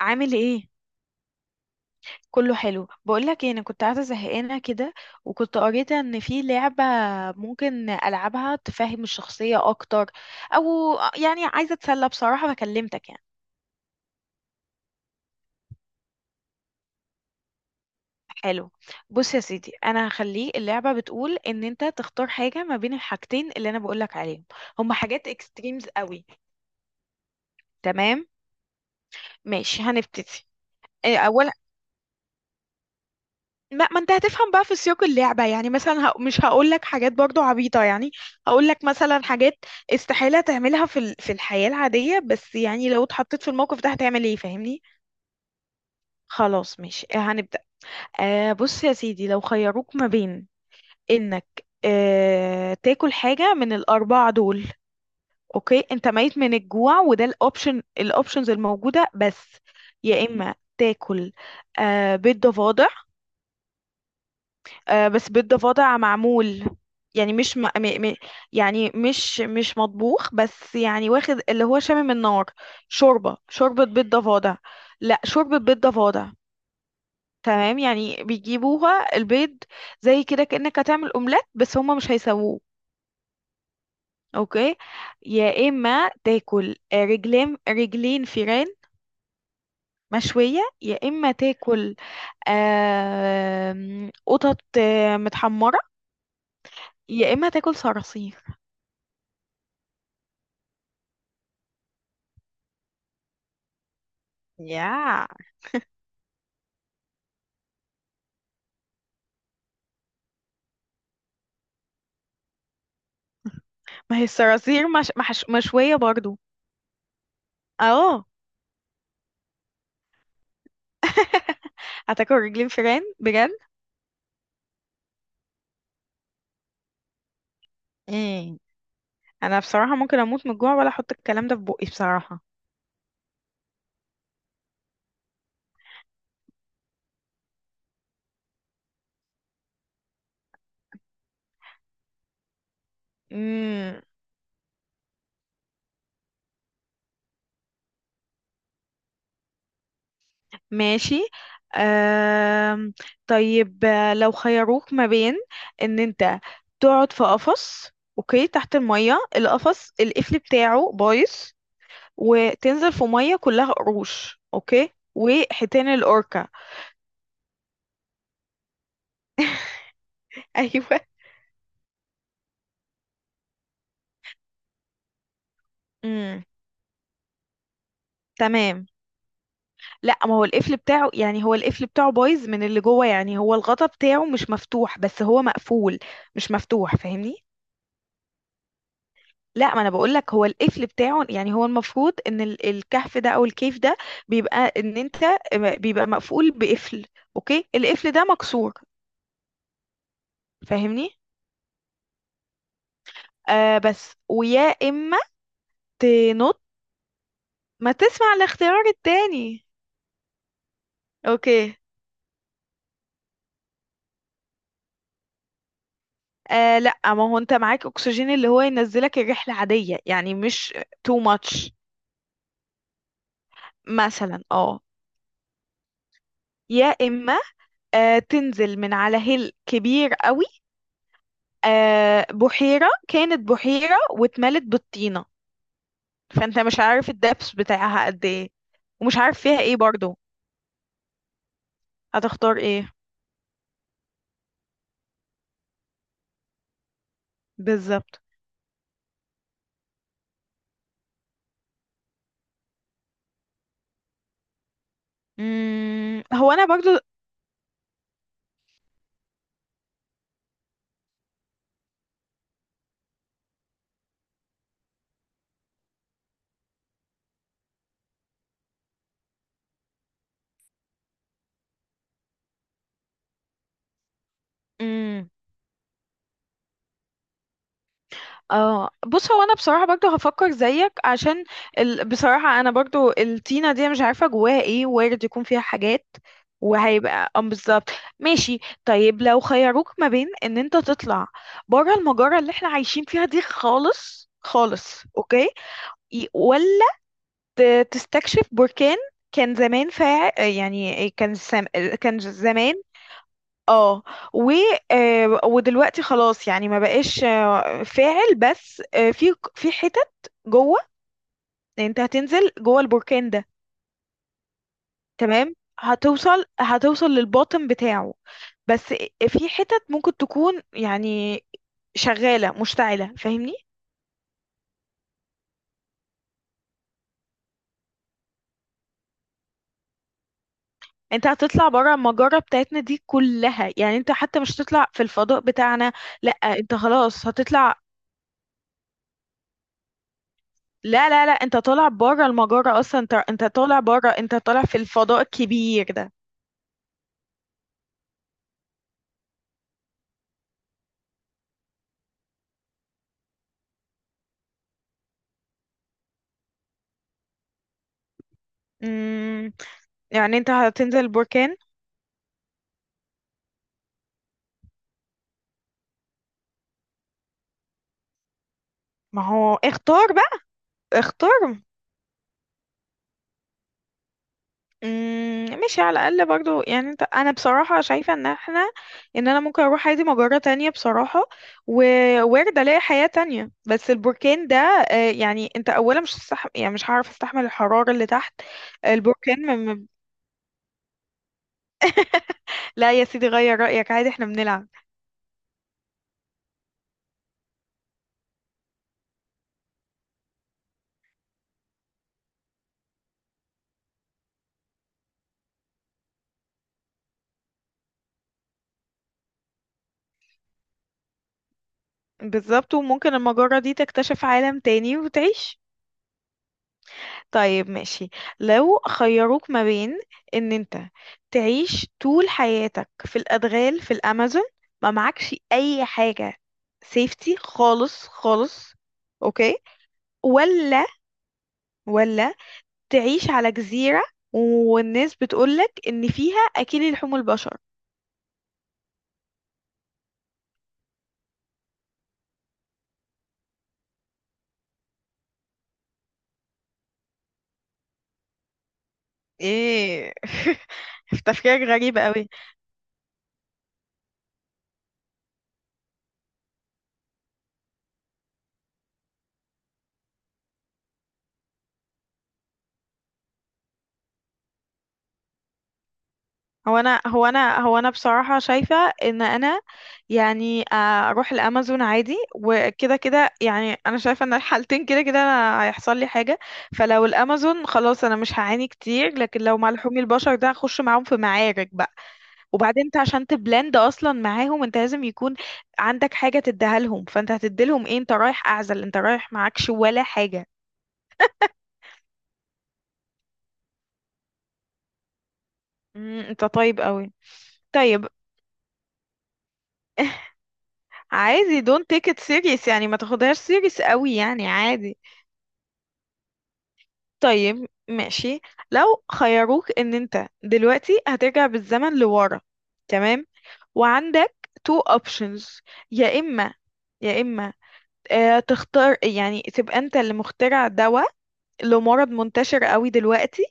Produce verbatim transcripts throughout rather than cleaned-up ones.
عامل ايه؟ كله حلو. بقولك ايه، انا كنت قاعده زهقانه كده وكنت قريت ان في لعبه ممكن العبها تفهم الشخصيه اكتر، او يعني عايزه اتسلى بصراحه فكلمتك يعني. حلو. بص يا سيدي، انا هخليه اللعبه بتقول ان انت تختار حاجه ما بين الحاجتين اللي انا بقولك عليهم. هما حاجات اكستريمز قوي. تمام، ماشي، هنبتدي. آه، اولا ما, ما انت هتفهم بقى في سياق اللعبة. يعني مثلا ه... مش هقول لك حاجات برضو عبيطة يعني. هقول لك مثلا حاجات استحالة تعملها في ال... في الحياة العادية، بس يعني لو اتحطيت في الموقف ده هتعمل ايه؟ فاهمني. خلاص ماشي، آه، هنبدأ. آه بص يا سيدي، لو خيروك ما بين انك آه تاكل حاجة من الأربعة دول. اوكي، انت ميت من الجوع وده الاوبشن الاوبشنز الموجودة بس. يا اما تاكل آه بيض ضفادع. آه، بس بيض ضفادع معمول، يعني مش م... م... م... يعني مش مش مطبوخ، بس يعني واخد اللي هو شامم النار. شوربة شوربة بيض ضفادع. لا، شوربة بيض ضفادع. تمام، يعني بيجيبوها البيض زي كده كأنك هتعمل اومليت بس هما مش هيسووه. اوكي. يا اما تاكل آه، رجلين رجلين فيران مشوية. يا اما تاكل آم، قطط آه، متحمرة. يا اما تاكل صراصير. ياه، ما هي الصراصير مش... محش... مشوية برضو. اه. هتاكل رجلين فيران بجد؟ امم، انا بصراحة ممكن اموت من الجوع ولا احط الكلام ده في بقي بصراحة. امم، ماشي. أم... طيب آه، لو خيروك ما بين ان انت تقعد في قفص، اوكي، تحت المية، القفص القفل بتاعه بايظ، وتنزل في مية كلها قروش، اوكي، وحيتان الاوركا. ايوه. امم، تمام. لا ما هو القفل بتاعه، يعني هو القفل بتاعه بايظ من اللي جوه، يعني هو الغطا بتاعه مش مفتوح بس هو مقفول، مش مفتوح، فاهمني؟ لا ما انا بقول لك هو القفل بتاعه، يعني هو المفروض ان ال- الكهف ده او الكيف ده بيبقى ان انت بيبقى مقفول بقفل. اوكي، القفل ده مكسور، فاهمني. آه بس ويا اما تنط. ما تسمع الاختيار التاني. اوكي. آه لا، ما هو انت معاك اكسجين اللي هو ينزلك الرحله عاديه، يعني مش too much مثلا اه. يا اما آه تنزل من على هيل كبير قوي. آه بحيره، كانت بحيره واتملت بالطينه، فانت مش عارف الدبس بتاعها قد ايه، ومش عارف فيها ايه برضو. هتختار ايه بالظبط؟ مم، هو انا برضو. مم، اه بص، هو انا بصراحه برضو هفكر زيك، عشان ال... بصراحه انا برضو الطينه دي أنا مش عارفه جواها ايه، وارد يكون فيها حاجات، وهيبقى اه بالظبط. ماشي. طيب، لو خيروك ما بين ان انت تطلع بره المجره اللي احنا عايشين فيها دي، خالص خالص، اوكي، ي- ولا ت- تستكشف بركان كان زمان، فا يعني كان سم... كان زمان، اه، و آه، ودلوقتي خلاص يعني ما بقاش آه، فاعل، بس آه، في في حتت جوه، يعني انت هتنزل جوه البركان ده. تمام، هتوصل هتوصل للباطن بتاعه، بس في حتت ممكن تكون يعني شغالة مشتعلة، فاهمني. انت هتطلع بره المجرة بتاعتنا دي كلها، يعني انت حتى مش هتطلع في الفضاء بتاعنا. لا انت خلاص هتطلع. لا لا لا، انت طالع بره المجرة اصلا، انت انت طالع بره، انت طالع في الفضاء الكبير ده. مم، يعني انت هتنزل بركان. ما هو اختار بقى، اختار. مم، ماشي، على الاقل برضو يعني انت، انا بصراحة شايفة ان احنا، ان انا ممكن اروح عادي مجرة تانية بصراحة، ووارد الاقي حياة تانية، بس البركان ده آه، يعني انت اولا مش هتستح... يعني مش هعرف استحمل الحرارة اللي تحت البركان م... م- لا يا سيدي غير رأيك عادي، احنا بنلعب. بالظبط، وممكن المجرة دي تكتشف عالم تاني وتعيش. طيب ماشي. لو خيروك ما بين ان انت تعيش طول حياتك في الادغال في الامازون، ما معكش اي حاجة سيفتي خالص خالص، اوكي، ولا ولا تعيش على جزيرة والناس بتقولك ان فيها اكل لحوم البشر. ايه؟ تفكيرك غريب قوي. هو انا هو انا هو انا بصراحة شايفة ان انا يعني آه، اروح الامازون عادي، وكده كده يعني انا شايفة ان الحالتين كده كده أنا هيحصل لي حاجة، فلو الامازون خلاص انا مش هعاني كتير، لكن لو مع لحوم البشر ده هخش معاهم في معارك بقى. وبعدين انت عشان تبلند اصلا معاهم انت لازم يكون عندك حاجة تديها لهم، فانت هتديلهم ايه؟ انت رايح اعزل، انت رايح معكش ولا حاجة. مم، انت طيب قوي. طيب. عادي، don't take it serious يعني، ما تاخدهاش serious قوي يعني، عادي. طيب ماشي. لو خيروك ان انت دلوقتي هترجع بالزمن لورا، تمام، وعندك تو اوبشنز، يا اما، يا اما آه تختار يعني تبقى انت اللي مخترع دواء لمرض منتشر قوي دلوقتي،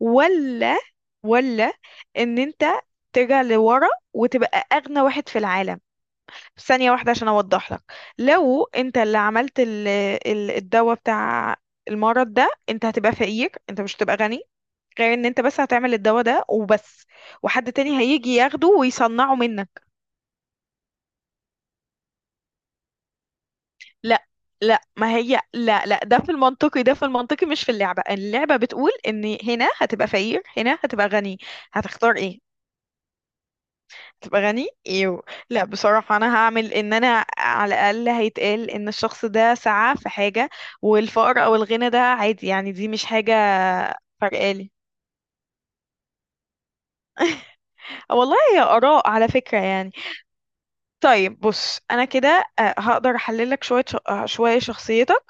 ولا ولا ان انت ترجع لورا وتبقى اغنى واحد في العالم. في ثانية واحدة عشان أوضح لك، لو أنت اللي عملت ال- ال- الدواء بتاع المرض ده، أنت هتبقى فقير، أنت مش هتبقى غني، غير ان انت بس هتعمل الدواء ده وبس، وحد تاني هيجي ياخده ويصنعه منك. لا لا ما هي لا لا، ده في المنطقي، ده في المنطقي، مش في اللعبة، اللعبة بتقول ان هنا هتبقى فقير هنا هتبقى غني. هتختار ايه؟ تبقى غني ايوه. لا بصراحة انا هعمل ان انا، على الاقل هيتقال ان الشخص ده سعى في حاجة، والفقر او الغنى ده عادي يعني، دي مش حاجة فرقالي. آه والله هي اراء على فكرة يعني. طيب بص، انا كده آه، هقدر احلل لك شوية ش- آه، شوية شخصيتك.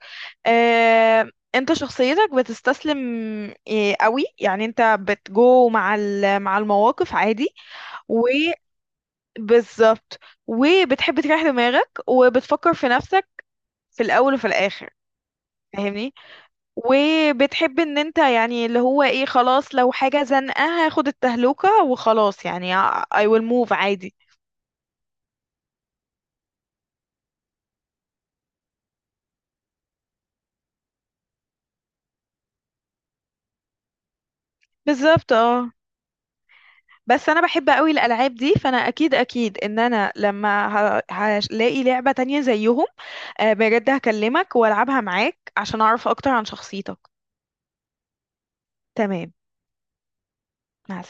آه، انت شخصيتك بتستسلم آه، قوي، يعني انت بتجو مع ال- مع المواقف عادي. وبالظبط وبتحب تريح دماغك وبتفكر في نفسك في الاول وفي الاخر، فاهمني. وبتحب ان انت يعني اللي هو ايه، خلاص لو حاجة زنقة هاخد التهلوكة وخلاص يعني، آه، I will move عادي. بالظبط اه. بس انا بحب قوي الالعاب دي، فانا اكيد اكيد ان انا لما ه- هلاقي لعبة تانية زيهم آه، بجد هكلمك والعبها معاك عشان اعرف اكتر عن شخصيتك. تمام، مع السلامة.